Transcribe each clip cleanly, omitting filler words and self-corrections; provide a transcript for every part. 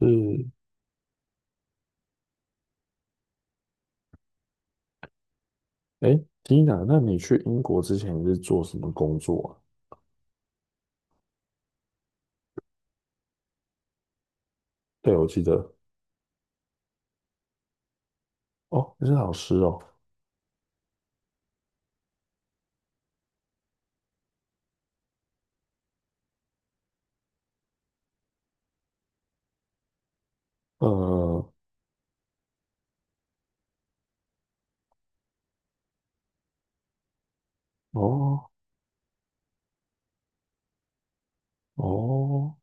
是，哎，Tina，那你去英国之前你是做什么工作啊？对，我记得。哦，你是老师哦。呃，哦。哦。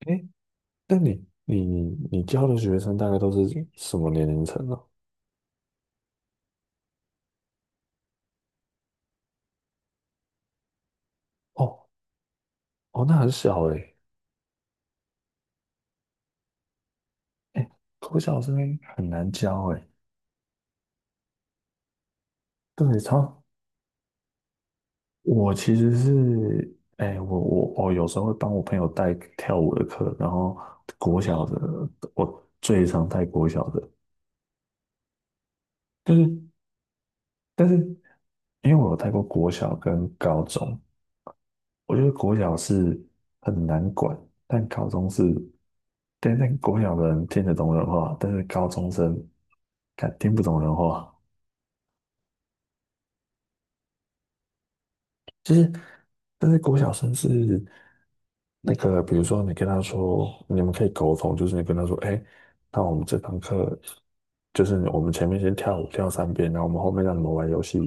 哎，那你你教的学生大概都是什么年龄层呢？哦。哦，那很小哎。哎，国小生很难教哎。对，超。我其实是，哎，我有时候会帮我朋友带跳舞的课，然后国小的，我最常带国小的。就是，但是因为我有带过国小跟高中，我觉得国小是很难管，但高中是，但国小的人听得懂人话，但是高中生敢听不懂人话。其实，但是国小生是那个，比如说你跟他说，你们可以沟通，就是你跟他说，哎，那我们这堂课就是我们前面先跳舞跳三遍，然后我们后面让你们玩游戏，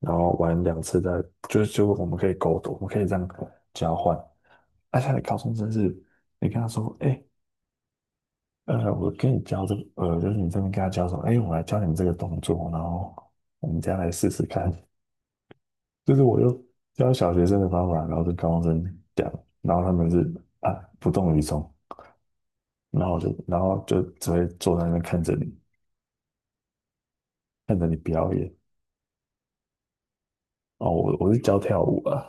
然后玩两次再，就是我们可以沟通，我们可以这样交换。而且高中生是，你跟他说，哎，我跟你教这个，就是你这边跟他教什么，哎，我来教你们这个动作，然后我们再来试试看，就是我就教小学生的方法，然后跟高中生讲，然后他们是啊不动于衷，然后就只会坐在那边看着你，看着你表演。哦，我是教跳舞啊。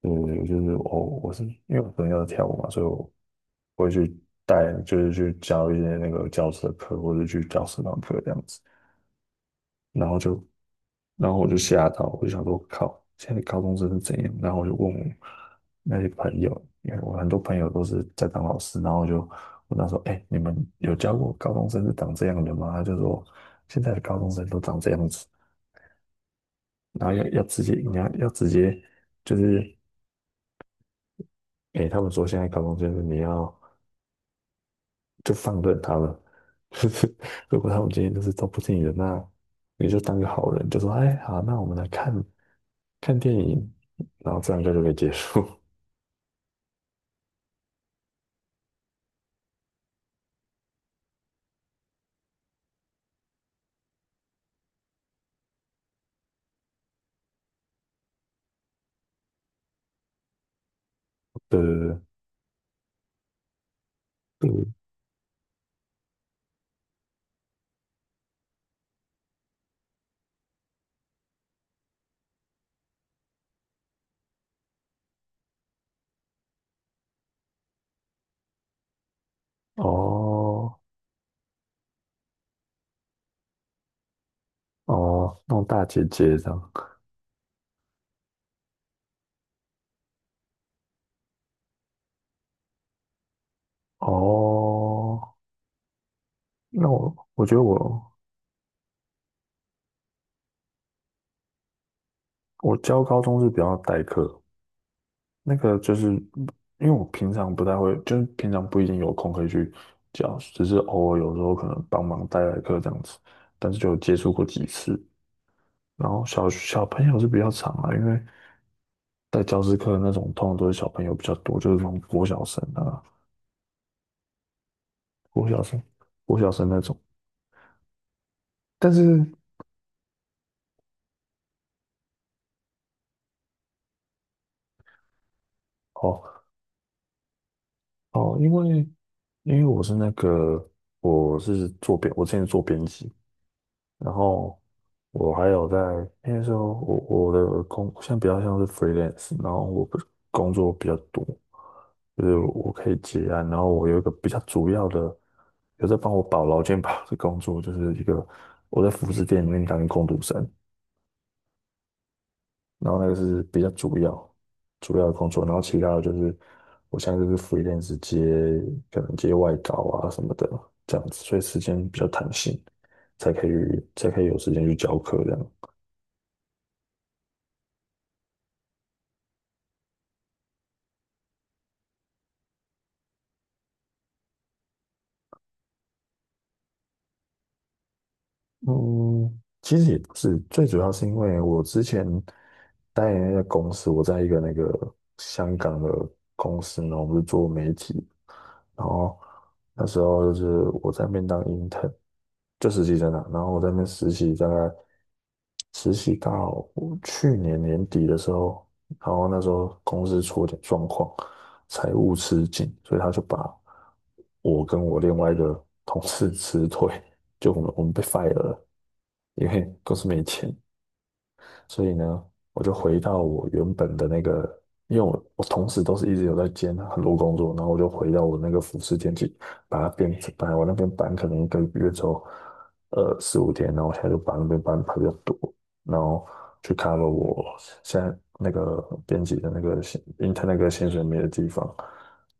对对对，就是我是因为我朋友跳舞嘛，所以我我会去带，就是去教一些那个教室的课，或者去教社团课这样子，然后就。然后我就吓到，我就想说，靠，现在高中生是怎样？然后我就问我那些朋友，因为我很多朋友都是在当老师，然后我就问他说，哎，你们有教过高中生是长这样的吗？他就说，现在的高中生都长这样子，然后要直接，你要直接，就是，哎，他们说现在高中生你要就放任他们，就是如果他们今天就是都不听你的，那你就当个好人，就说，哎，好，那我们来看看电影，然后这样就可以结束。对对对。对哦。哦，那种大姐姐这样。哦，那我我觉得我我教高中是比较代课。那个就是因为我平常不太会，就是平常不一定有空可以去教，只是偶尔有时候可能帮忙代代课这样子，但是就有接触过几次。然后小朋友是比较长啊，因为在教师课的那种通常都是小朋友比较多，就是那种国小生啊、国小生、国小生那种。但是哦。哦，因为我是那个，我是做编，我之前做编辑，然后我还有在那时候我我的工现在比较像是 freelance,然后我不是工作比较多，就是我可以接案，然后我有一个比较主要的有在帮我保劳健保的工作，就是一个我在服饰店里面当工读生，然后那个是比较主要的工作，然后其他的就是我现在就是 f r e e 接可能接外稿啊什么的这样子，所以时间比较弹性，才可以才可以有时间去教课这样。嗯，其实也不是，最主要是因为我之前待的那个公司，我在一个那个香港的公司呢，我们是做媒体，然后那时候就是我在那边当 intern,就实习生啊，然后我在那边实习，大概实习到去年年底的时候，然后那时候公司出了点状况，财务吃紧，所以他就把我跟我另外一个同事 辞退，就我们被 fire 了，因为公司没钱。所以呢，我就回到我原本的那个，因为我我同时都是一直有在兼很多工作，然后我就回到我那个服饰店去，把它变成来我那边搬可能一个月之后，呃四五天，然后我现在就把那边搬比较多，然后去看了我现在那个编辑的那个薪 i n 那个薪水没的地方，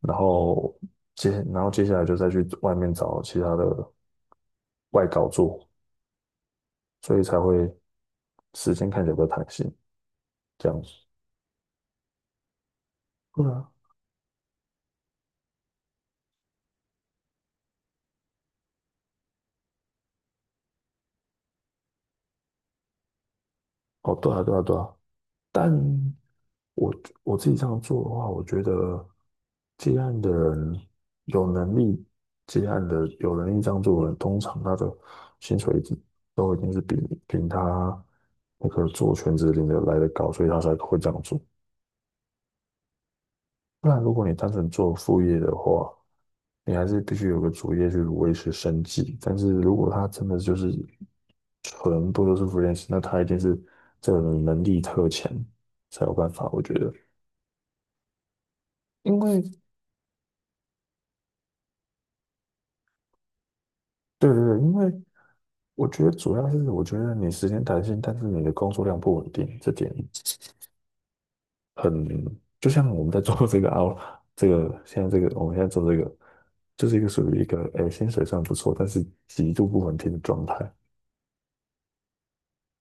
然后接下来就再去外面找其他的外稿做，所以才会时间看起来比较弹性这样。子。对啊。哦，对啊，对啊，对啊。但我我自己这样做的话，我觉得接案的人有能力接案的有能力这样做的人，通常他的薪水一定都一定是比他那个做全职领的来的高，所以他才会这样做。不然，如果你单纯做副业的话，你还是必须有个主业去维持生计。但是如果他真的就是全部都是 freelance,那他一定是这个人能力特强才有办法。我觉得，因为对对对，因为我觉得主要是我觉得你时间弹性，但是你的工作量不稳定，这点很就像我们在做这个啊，这个现在这个我们现在做这个，就是一个属于一个诶薪水算不错，但是极度不稳定的状态。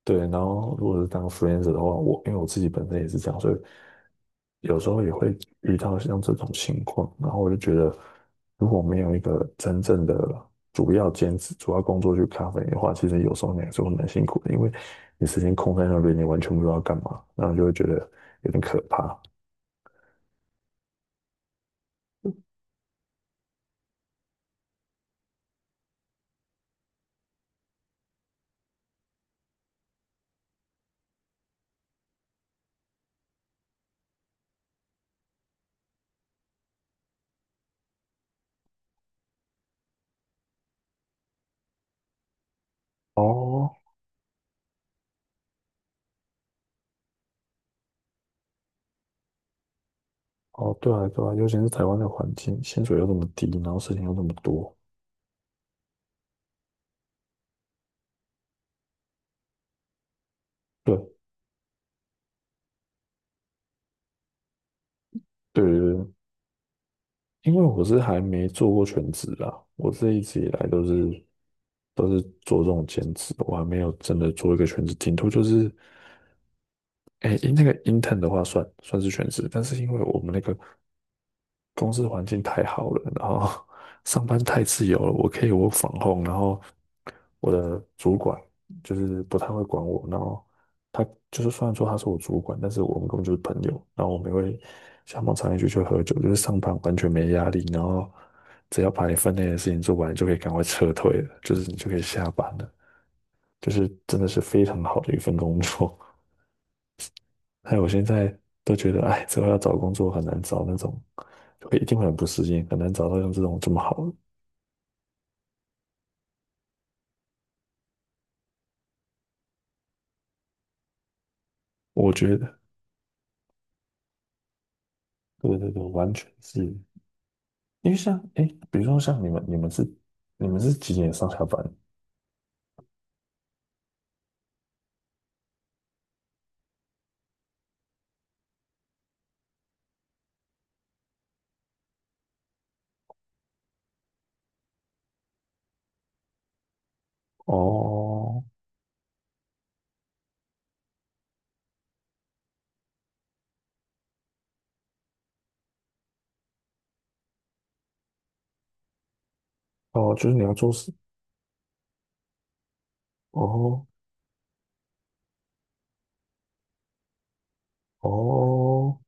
对，然后如果是当 freelancer 的话，我因为我自己本身也是这样，所以有时候也会遇到像这种情况，然后我就觉得，如果没有一个真正的主要兼职、主要工作去 cover 你的话，其实有时候你还是会蛮辛苦的，因为你时间空在那边，你完全不知道干嘛，然后就会觉得有点可怕。哦。哦，对啊，对啊，尤其是台湾的环境，薪水又那么低，然后事情又那么多。对。对对对，因为我是还没做过全职啦，我这一直以来都是做这种兼职，我还没有真的做一个全职。顶多就是，哎，那个 intern 的话算是全职，但是因为我们那个公司环境太好了，然后 上班太自由了，我可以我 o r 然后我的主管就是不太会管我，然后他就是虽然说他是我主管，但是我们根本就是朋友，然后我们也会下班常一起去喝酒，就是上班完全没压力，然后只要把你分内的事情做完，就可以赶快撤退了，就是你就可以下班了，就是真的是非常好的一份工作。哎，我现在都觉得，哎，之后要找工作很难找那种，会一定会很不适应，很难找到像这种这么好的。我觉得，对对对，完全是，因为像，哎，比如说像你们，你们是你们是几点上下班？哦。哦，就是你要做事。哦。哦。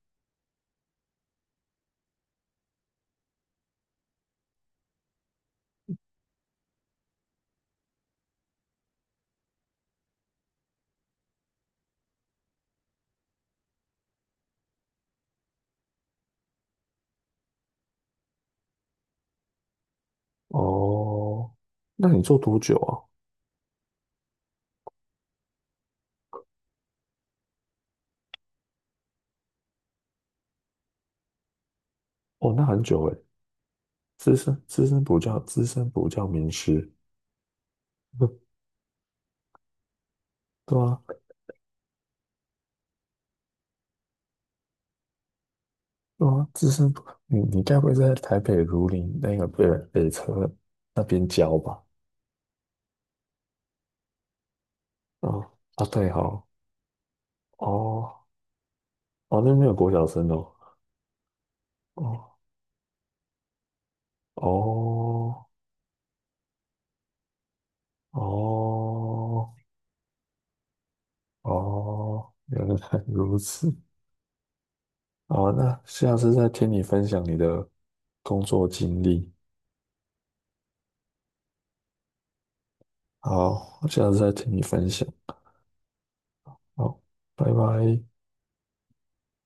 哦，那你做多久啊？哦，那很久诶。资深补教名师。对啊。哦，资生堂，你你该不会是在台北如林那个北车那边教吧？哦啊，对哦。哦。哦，那边没有国小生哦？哦哦哦哦，原来如此。好，那下次再听你分享你的工作经历。好，下次再听你分享。好，拜拜。